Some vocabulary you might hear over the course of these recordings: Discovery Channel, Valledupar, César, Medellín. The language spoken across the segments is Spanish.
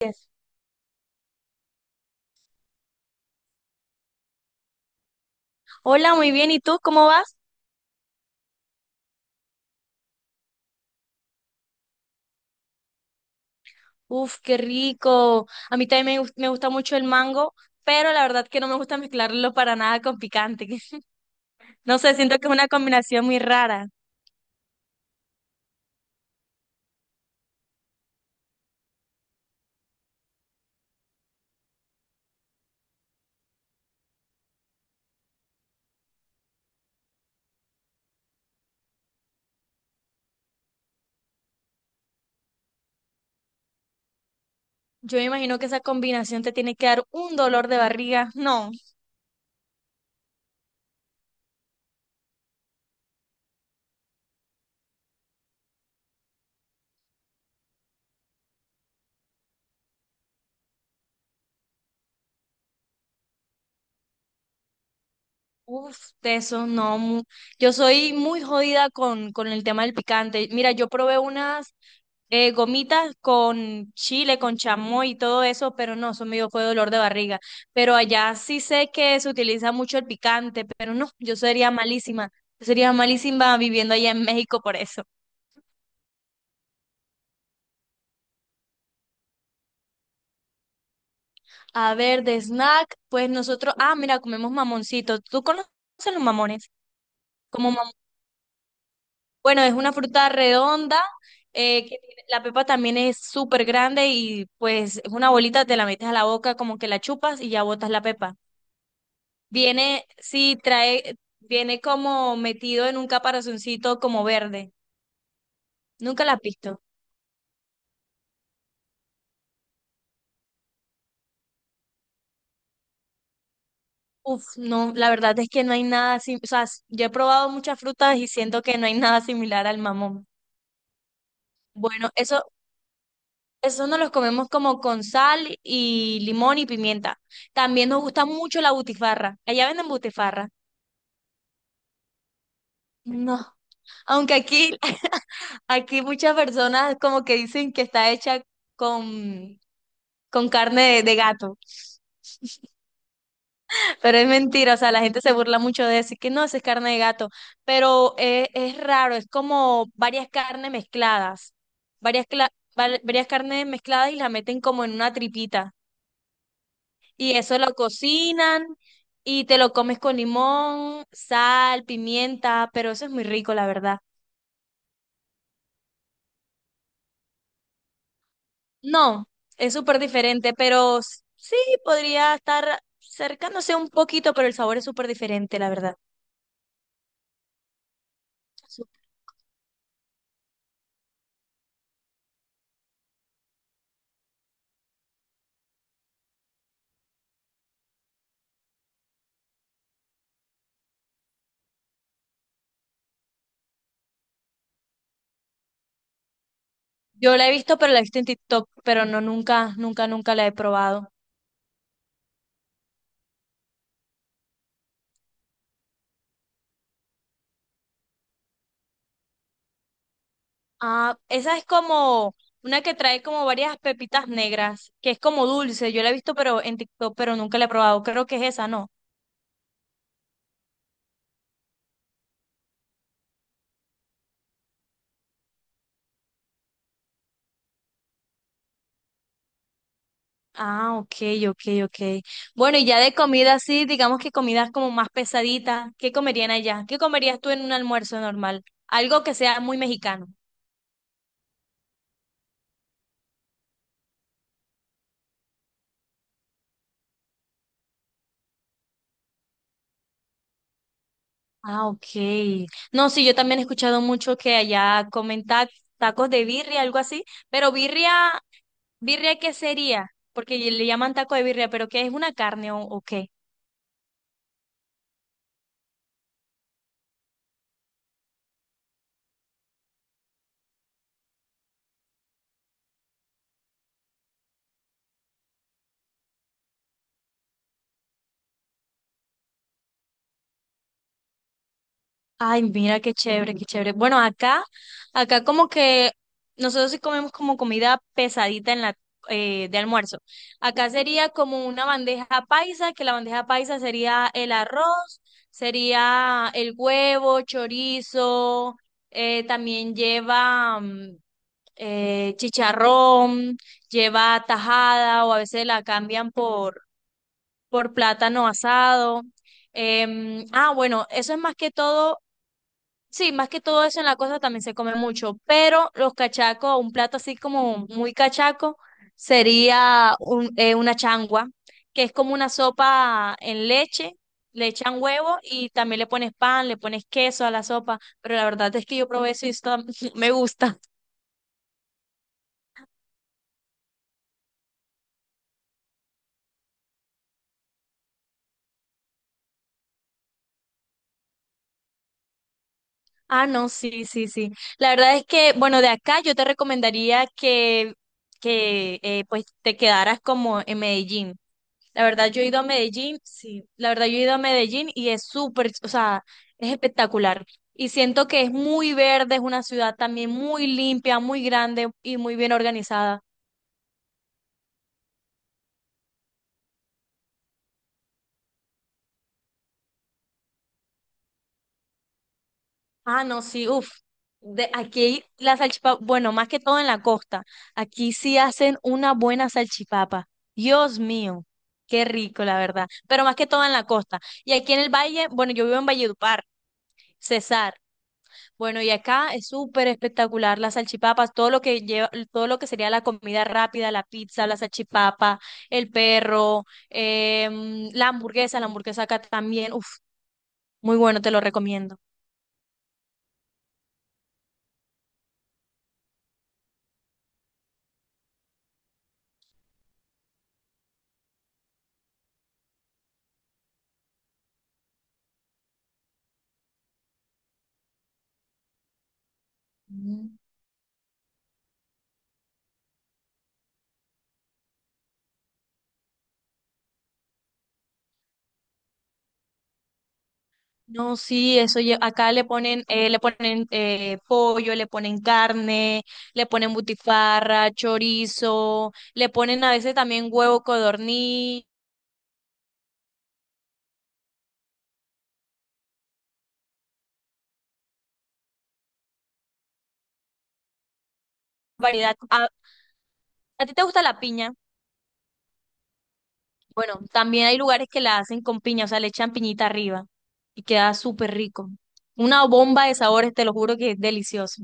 Yes. Hola, muy bien. ¿Y tú cómo vas? Uf, qué rico. A mí también me gusta mucho el mango, pero la verdad que no me gusta mezclarlo para nada con picante. No sé, siento que es una combinación muy rara. Yo me imagino que esa combinación te tiene que dar un dolor de barriga. No. Uf, de eso no. Yo soy muy jodida con el tema del picante. Mira, yo probé unas gomitas con chile, con chamoy y todo eso, pero no, eso me dio fue dolor de barriga. Pero allá sí sé que se utiliza mucho el picante, pero no, yo sería malísima. Yo sería malísima viviendo allá en México por eso. A ver, de snack, pues nosotros, ah, mira, comemos mamoncitos. ¿Tú conoces los mamones? Como bueno, es una fruta redonda, la pepa también es súper grande y pues es una bolita, te la metes a la boca, como que la chupas y ya botas la pepa. Viene, sí, trae, viene como metido en un caparazoncito como verde. Nunca la has visto. Uf, no, la verdad es que no hay nada, yo he probado muchas frutas y siento que no hay nada similar al mamón. Bueno, eso nos los comemos como con sal y limón y pimienta. También nos gusta mucho la butifarra. Allá venden butifarra. No, aunque aquí, aquí muchas personas como que dicen que está hecha con, con carne de gato, pero es mentira, o sea, la gente se burla mucho de decir que no, eso es carne de gato, pero es, raro, es como varias carnes mezcladas, varias, cla- varias carnes mezcladas y la meten como en una tripita, y eso lo cocinan y te lo comes con limón, sal, pimienta, pero eso es muy rico, la verdad. No, es súper diferente, pero sí podría estar cercándose un poquito, pero el sabor es súper diferente, la verdad. Su- Yo la he visto, pero la he visto en TikTok, pero no nunca la he probado. Ah, esa es como una que trae como varias pepitas negras, que es como dulce. Yo la he visto, pero en TikTok, pero nunca la he probado. Creo que es esa, ¿no? Ah, ok, ok. Bueno, y ya de comida, sí, digamos que comidas como más pesaditas, ¿qué comerían allá? ¿Qué comerías tú en un almuerzo normal? Algo que sea muy mexicano. Ah, ok. No, sí, yo también he escuchado mucho que allá comen tacos de birria, algo así, pero birria, ¿birria qué sería? Porque le llaman taco de birria, pero ¿qué es una carne o qué? Ay, mira qué chévere, qué chévere. Bueno, acá como que nosotros sí comemos como comida pesadita en la de almuerzo. Acá sería como una bandeja paisa, que la bandeja paisa sería el arroz, sería el huevo, chorizo, también lleva chicharrón, lleva tajada o a veces la cambian por plátano asado. Bueno, eso es más que todo sí, más que todo eso en la costa también se come mucho, pero los cachacos, un plato así como muy cachaco, sería una changua, que es como una sopa en leche, le echan huevo y también le pones pan, le pones queso a la sopa, pero la verdad es que yo probé eso y esto me gusta. Ah, no, sí, sí, sí. La verdad es que, bueno, de acá yo te recomendaría que, pues te quedaras como en Medellín. La verdad, yo he ido a Medellín, sí, la verdad, yo he ido a Medellín y es súper, o sea, es espectacular. Y siento que es muy verde, es una ciudad también muy limpia, muy grande y muy bien organizada. Ah, no, sí, uff. De aquí la salchipapa, bueno, más que todo en la costa, aquí sí hacen una buena salchipapa. Dios mío, qué rico, la verdad. Pero más que todo en la costa. Y aquí en el valle, bueno, yo vivo en Valledupar, César. Bueno, y acá es súper espectacular las salchipapas, todo lo que lleva, todo lo que sería la comida rápida, la pizza, la salchipapa, el perro, la hamburguesa acá también, uf, muy bueno, te lo recomiendo. Mm. No, sí, acá le ponen pollo, le ponen carne, le ponen butifarra, chorizo, le ponen a veces también huevo codorniz, variedad. A ti te gusta la piña? Bueno, también hay lugares que la hacen con piña, o sea, le echan piñita arriba y queda súper rico. Una bomba de sabores, te lo juro que es delicioso.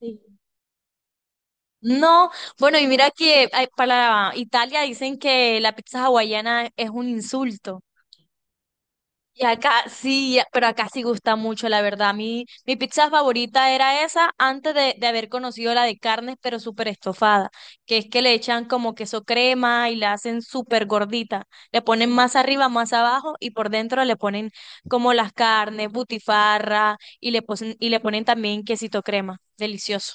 Sí. No, bueno, y mira que ay, para Italia dicen que la pizza hawaiana es un insulto. Y acá sí, pero acá sí gusta mucho, la verdad. Mi pizza favorita era esa antes de haber conocido la de carnes, pero súper estofada, que es que le echan como queso crema y la hacen súper gordita. Le ponen más arriba, más abajo y por dentro le ponen como las carnes, butifarra y y le ponen también quesito crema. Delicioso.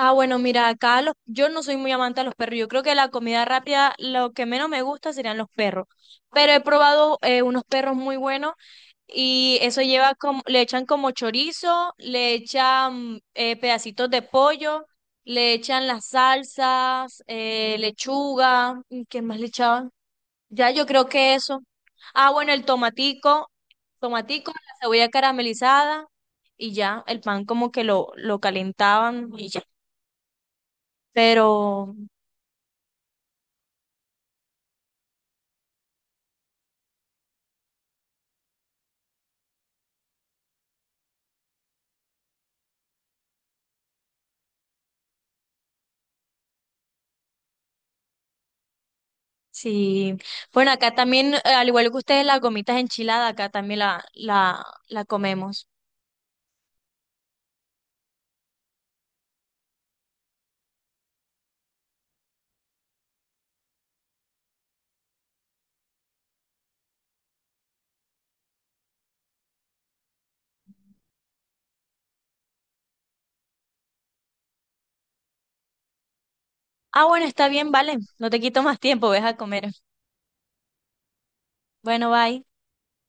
Ah, bueno, mira, acá los, yo no soy muy amante a los perros. Yo creo que la comida rápida, lo que menos me gusta serían los perros. Pero he probado unos perros muy buenos y eso lleva como, le echan como chorizo, le echan pedacitos de pollo, le echan las salsas, lechuga, ¿qué más le echaban? Ya yo creo que eso. Ah, bueno, tomatico, la cebolla caramelizada y ya, el pan como que lo calentaban y ya. Pero sí, bueno, acá también, al igual que ustedes, las gomitas enchiladas, acá también la comemos. Ah, bueno, está bien, vale. No te quito más tiempo, ves a comer. Bueno, bye.